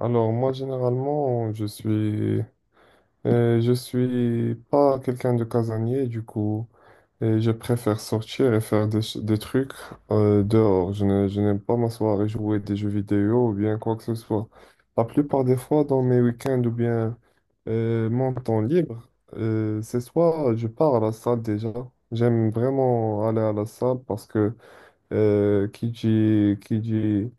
Alors moi généralement je suis pas quelqu'un de casanier du coup et je préfère sortir et faire des trucs dehors. Je n'aime pas m'asseoir et jouer des jeux vidéo ou bien quoi que ce soit. La plupart des fois dans mes week-ends ou bien mon temps libre, c'est soit je pars à la salle déjà. J'aime vraiment aller à la salle parce que qui dit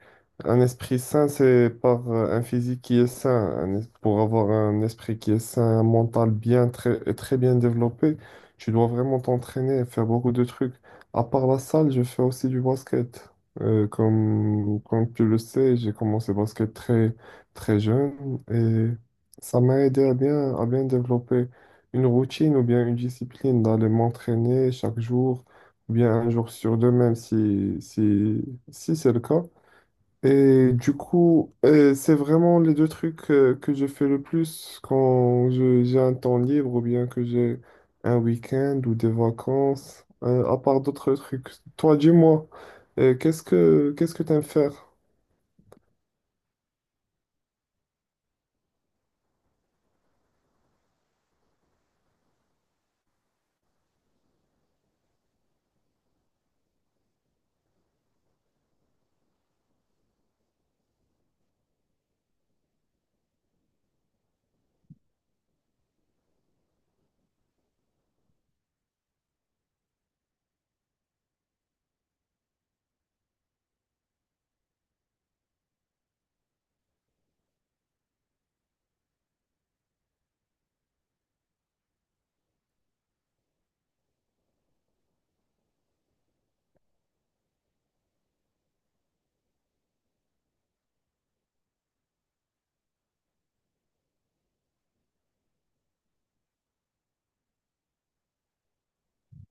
un esprit sain, c'est par un physique qui est sain. Pour avoir un esprit qui est sain, un mental bien, très bien développé, tu dois vraiment t'entraîner et faire beaucoup de trucs. À part la salle, je fais aussi du basket. Comme tu le sais, j'ai commencé le basket très, très jeune et ça m'a aidé à bien développer une routine ou bien une discipline d'aller m'entraîner chaque jour ou bien un jour sur deux même si c'est le cas. Et du coup, c'est vraiment les deux trucs que je fais le plus quand j'ai un temps libre ou bien que j'ai un week-end ou des vacances, à part d'autres trucs. Toi, dis-moi, qu'est-ce que t'aimes faire?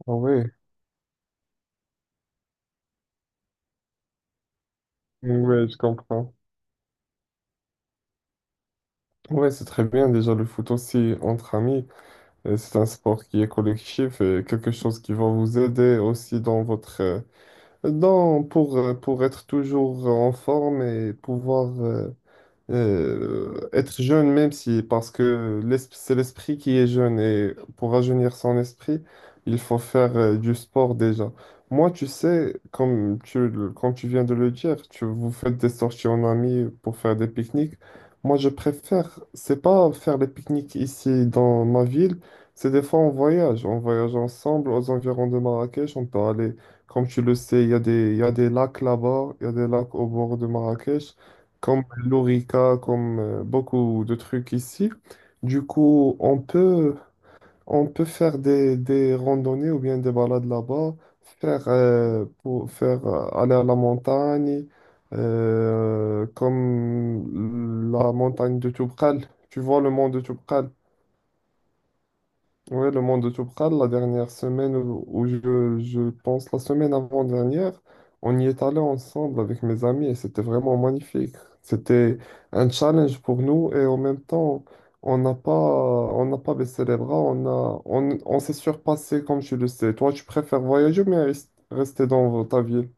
Ah ouais, ouais, je comprends. Ouais, c'est très bien déjà le foot aussi entre amis. C'est un sport qui est collectif, et quelque chose qui va vous aider aussi dans votre non, pour être toujours en forme et pouvoir être jeune, même si, parce que c'est l'esprit qui est jeune et pour rajeunir son esprit, il faut faire du sport déjà. Moi, tu sais, comme tu viens de le dire, tu vous faites des sorties en amis pour faire des pique-niques. Moi, je préfère, c'est pas faire des pique-niques ici dans ma ville, c'est des fois on voyage. On voyage ensemble aux environs de Marrakech. On peut aller, comme tu le sais, il y a il y a des lacs là-bas, il y a des lacs au bord de Marrakech comme l'orica, comme beaucoup de trucs ici. Du coup, on peut faire des randonnées ou bien des balades là-bas, faire, pour faire aller à la montagne, comme la montagne de Toubkal. Tu vois le mont de Toubkal? Ouais, le monde de Toubkal, la dernière semaine, je pense la semaine avant-dernière, on y est allé ensemble avec mes amis et c'était vraiment magnifique. C'était un challenge pour nous et en même temps, on n'a pas baissé les bras, on s'est surpassé comme tu le sais. Toi, tu préfères voyager ou bien rester dans ta ville?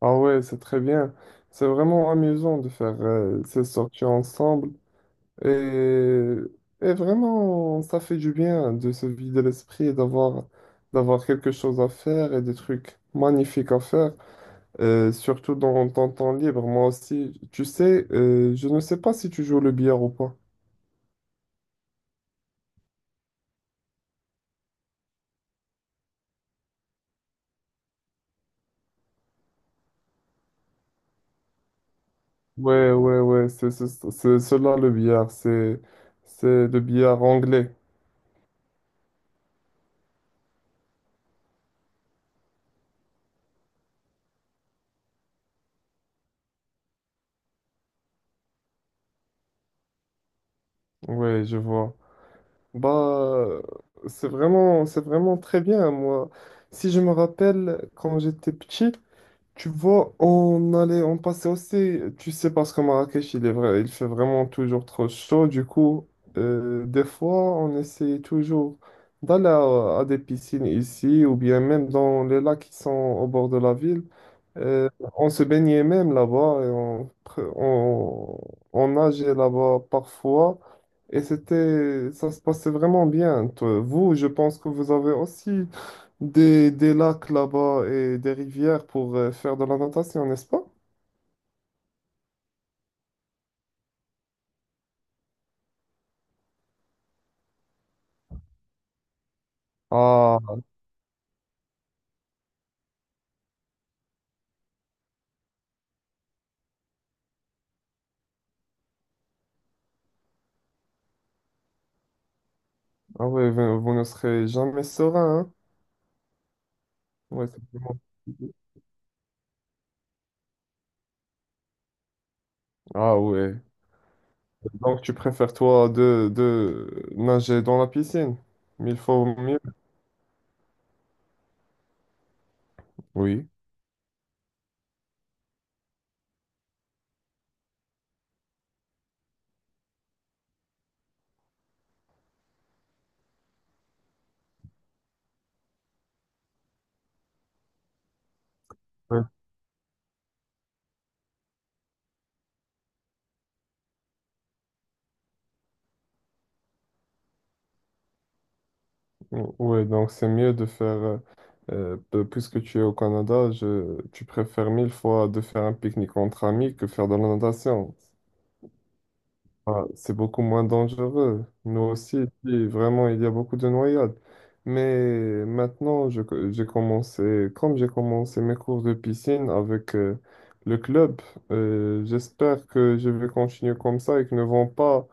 Ah ouais, c'est très bien. C'est vraiment amusant de faire ces sorties ensemble. Et, et vraiment, ça fait du bien de se vider l'esprit et d'avoir quelque chose à faire et des trucs magnifiques à faire, surtout dans ton temps libre. Moi aussi, tu sais, je ne sais pas si tu joues le billard ou pas. Ouais, ouais, ouais, c'est cela le billard, c'est le billard anglais. Ouais, je vois. Bah, c'est vraiment très bien. Moi, si je me rappelle quand j'étais petit. Tu vois, on allait, on passait aussi, tu sais, parce que Marrakech, il est vrai, il fait vraiment toujours trop chaud. Du coup, des fois, on essayait toujours d'aller à des piscines ici ou bien même dans les lacs qui sont au bord de la ville. Euh, on se baignait même là-bas on nageait là-bas parfois. Et c'était, ça se passait vraiment bien. Toi, vous, je pense que vous avez aussi des lacs là-bas et des rivières pour faire de la natation, n'est-ce pas? Ah, ah, ouais, vous, vous ne serez jamais serein, hein? Ouais, c'est vraiment- Ah ouais. Donc tu préfères toi de nager dans la piscine? Mille fois mieux. Oui. Ouais, ouais, donc c'est mieux de faire, puisque tu es au Canada, tu préfères mille fois de faire un pique-nique entre amis que faire de la natation. Ah, c'est beaucoup moins dangereux. Nous aussi, ici, vraiment, il y a beaucoup de noyades. Mais maintenant, j'ai commencé, comme j'ai commencé mes cours de piscine avec le club, j'espère que je vais continuer comme ça et qu'ils ne vont pas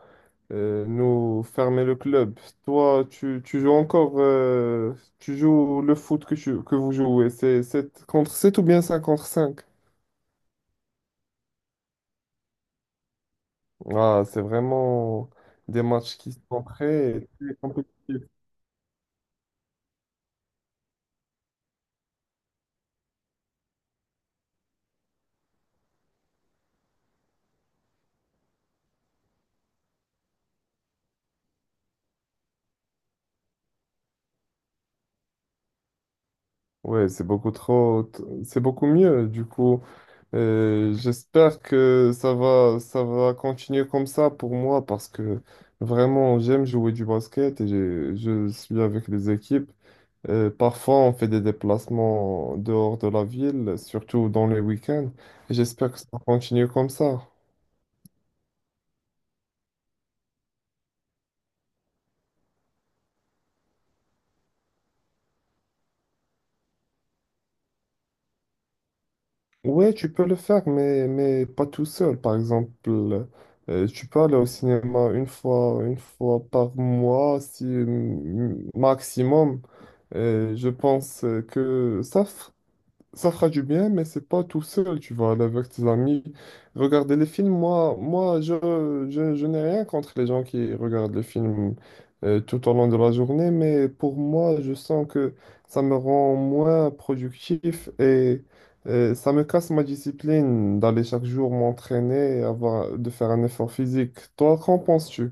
nous fermer le club. Toi, tu joues encore, tu joues le foot que vous jouez, c'est 7 contre 7 ou bien cinq contre cinq? Ah, c'est vraiment des matchs qui sont très, très compliqués. Ouais, c'est beaucoup mieux. Du coup, j'espère que ça va continuer comme ça pour moi parce que vraiment, j'aime jouer du basket et je suis avec les équipes. Parfois, on fait des déplacements dehors de la ville, surtout dans les week-ends. J'espère que ça va continuer comme ça. Ouais, tu peux le faire, mais pas tout seul. Par exemple, tu peux aller au cinéma une fois par mois, si mm, maximum. Je pense que ça fera du bien, mais c'est pas tout seul, tu vas aller avec tes amis. Regarder les films, je n'ai rien contre les gens qui regardent les films tout au long de la journée, mais pour moi, je sens que ça me rend moins productif et ça me casse ma discipline d'aller chaque jour m'entraîner, de faire un effort physique. Toi, qu'en penses-tu?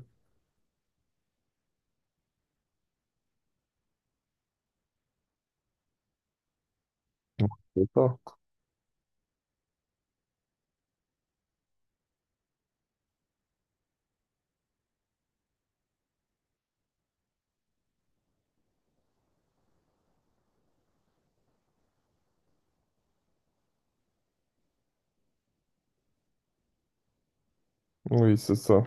C'est ça. Oui, c'est ça,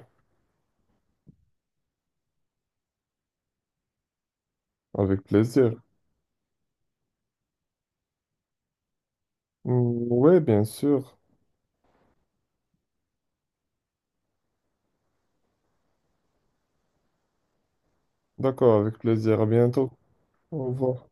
avec plaisir. Mm. Oui, bien sûr. D'accord, avec plaisir. À bientôt. Au revoir.